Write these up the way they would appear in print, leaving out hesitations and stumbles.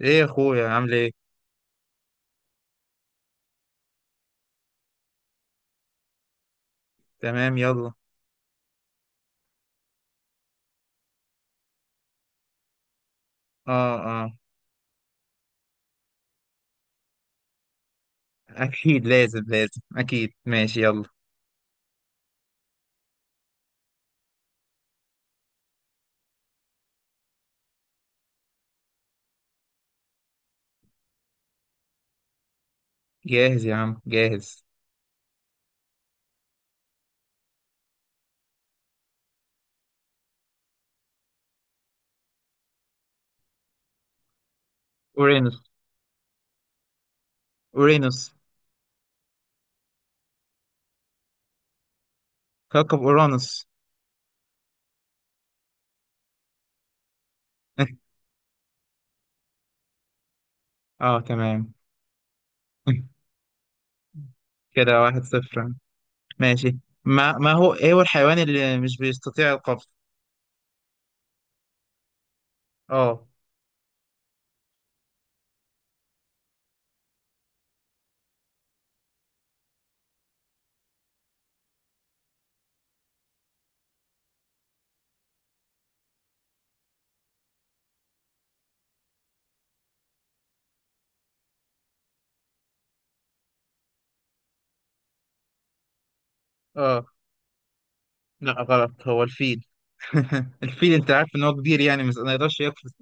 ايه يا اخويا، عامل ايه؟ تمام، يلا. اه، اه، اكيد، لازم لازم اكيد، ماشي يلا. جاهز يا عم، جاهز. اورانوس. اورانوس. كوكب اورانوس. اه، تمام. كده واحد صفر. ماشي. ما هو ايه الحيوان اللي مش بيستطيع القفز؟ اه. اه. لا، غلط، هو الفيل. الفيل، انت عارف ان هو كبير، يعني مش ما يقدرش يقفز.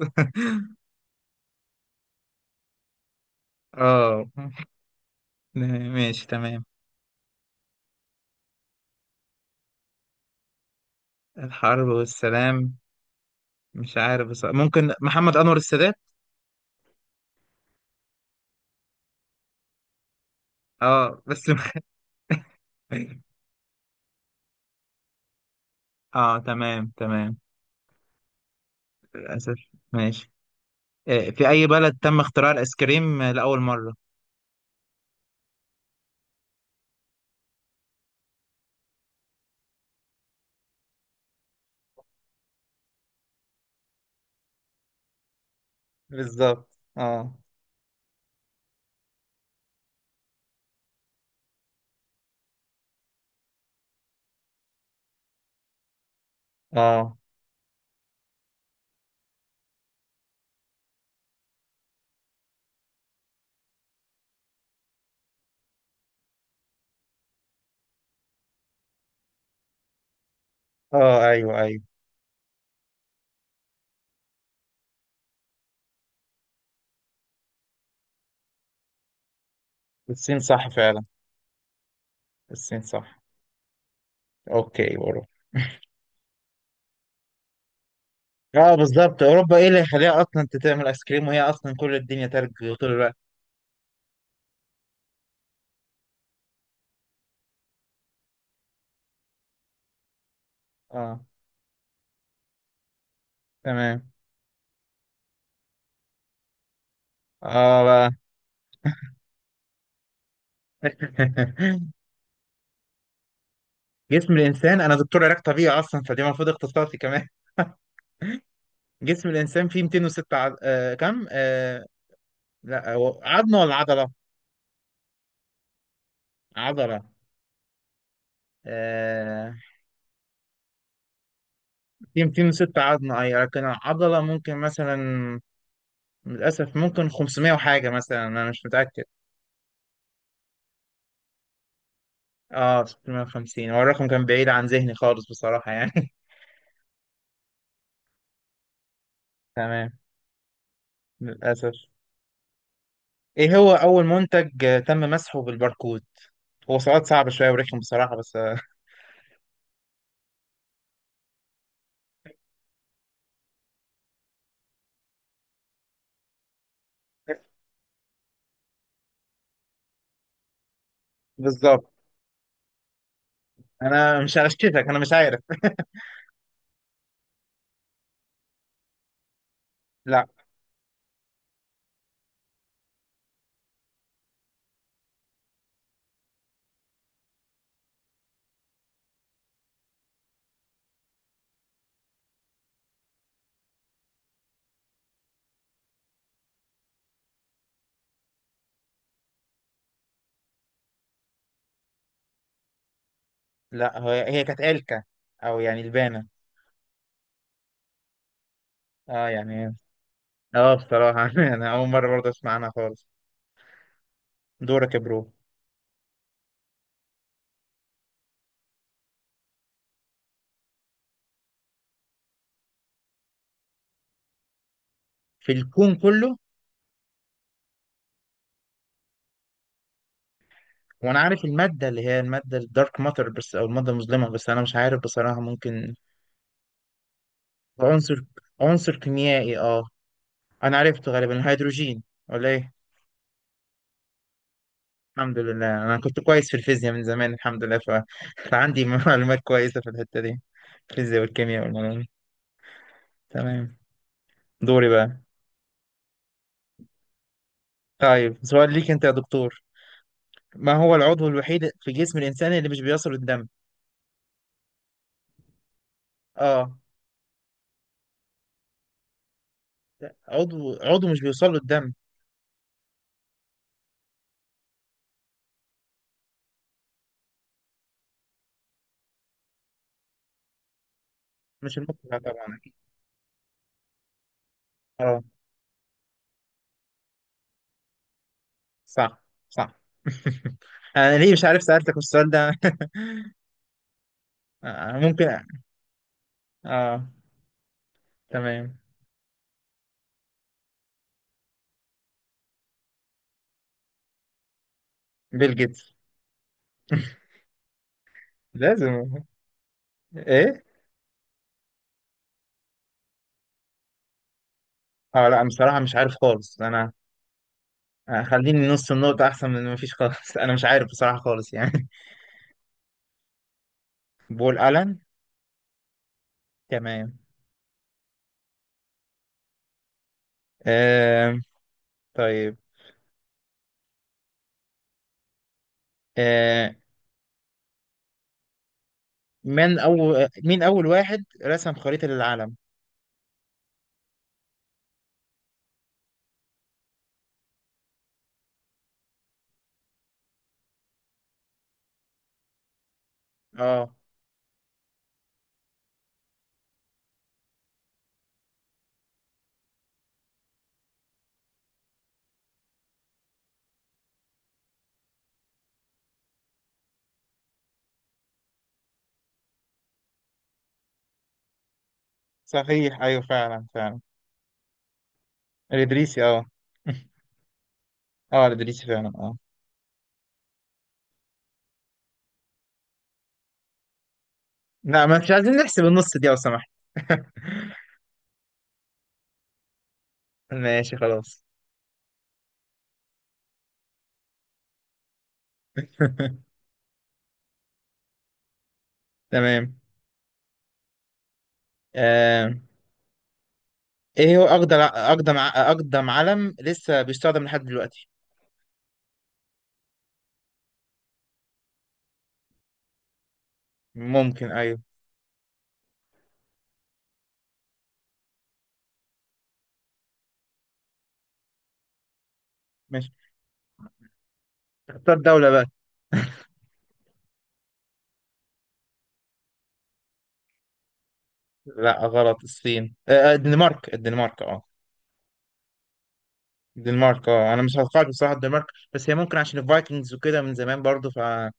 اه. ماشي، تمام. الحرب والسلام. مش عارف، بس ممكن محمد أنور السادات. اه بس. اه، تمام، تمام. للأسف. ماشي. في أي بلد تم اختراع الآيس كريم لأول مرة؟ بالظبط. اه. اه. اه، ايوه، ايوه. الصين، صح فعلا. الصين صح. اوكي، اوروبا. اه، بالظبط، اوروبا ايه اللي يخليها اصلا انت تعمل ايس كريم، وهي اصلا كل الدنيا تلج طول الوقت. اه، تمام. اه بقى. جسم الانسان، انا دكتور علاج طبيعي اصلا، فدي المفروض اختصاصي كمان. جسم الانسان فيه 206 كم لا، هو عظمه ولا عضله؟ عضله. آه فيه 206 عظمه اي، لكن العضله ممكن مثلا، للاسف ممكن 500 وحاجه مثلا، انا مش متاكد. اه، 650، هو الرقم كان بعيد عن ذهني خالص بصراحه يعني. تمام. للاسف. ايه هو اول منتج تم مسحه بالباركود؟ هو سؤال صعب شويه ورخم بصراحه بس بالظبط. انا مش هشككك، انا مش عارف. لا. لا، هي هي كانت او يعني لبانه. اه يعني. اه، بصراحة انا اول مرة برضه اسمع عنها خالص. دورك يا برو. في الكون كله؟ وانا عارف المادة اللي هي المادة الدارك ماتر، بس او المادة المظلمة، بس انا مش عارف بصراحة، ممكن. عنصر. عنصر كيميائي، اه. انا عرفته غالبا الهيدروجين، ولا ايه؟ الحمد لله، انا كنت كويس في الفيزياء من زمان، الحمد لله ف... فعندي معلومات كويسة في الحتة دي. الفيزياء والكيمياء والعلوم. تمام. دوري بقى. طيب سؤال ليك انت يا دكتور. ما هو العضو الوحيد في جسم الانسان اللي مش بيصل الدم؟ اه. عضو مش بيوصل له الدم. مش المخ، لا طبعا أكيد. اه. صح. صح. انا ليه مش عارف سألتك السؤال ده؟ آه، ممكن. اه. تمام. بيل جيتس. لازم. ايه؟ اه لا، بصراحة مش عارف خالص انا. آه، خليني نص النقطة احسن من ما فيش خالص. انا مش عارف بصراحة خالص يعني. بول ألان. تمام. آه. طيب. آه. من اول مين اول واحد رسم خريطة للعالم؟ اه، صحيح، ايوه، فعلا، فعلا. الادريسي اه. اه، على ادريس فعلا اه. لا، ما مش عايزين نحسب النص دي لو سمحت. ماشي، خلاص. تمام. آه. ايه هو اقدم علم لسه بيستخدم لحد دلوقتي؟ ممكن، ايوه. ماشي. اختار دولة بقى. لا، غلط، الصين، الدنمارك، الدنمارك اه. الدنمارك اه، انا مش هتوقعت بصراحة الدنمارك. بس هي ممكن عشان الفايكنجز وكده، من زمان برضو، فعندهم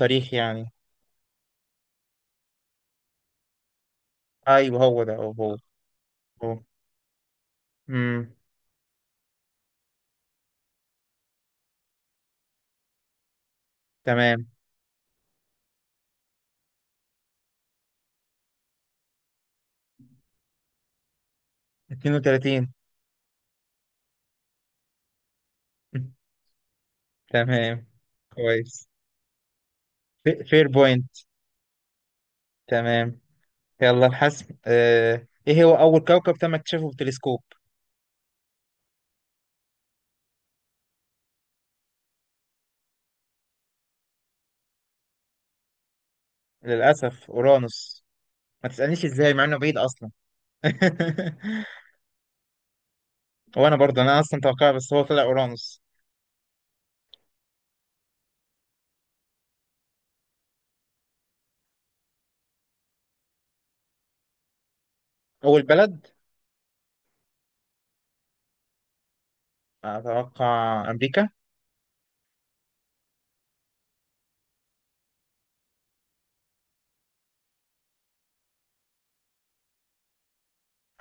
تاريخ يعني. ايوه هو ده، هو هو. هو. امم. تمام. 32. تمام. كويس. فير بوينت. تمام. يلا الحسم. ايه هو اول كوكب تم اكتشافه بالتلسكوب؟ للاسف اورانوس. ما تسالنيش ازاي مع انه بعيد اصلا. وانا برضه، انا اصلا توقع، بس هو طلع اورانوس. اول بلد؟ اتوقع امريكا.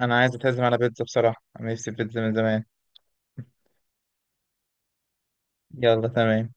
انا عايز اتهزم على بيتزا بصراحه، انا نفسي في بيتزا من زمان. يلا، تمام.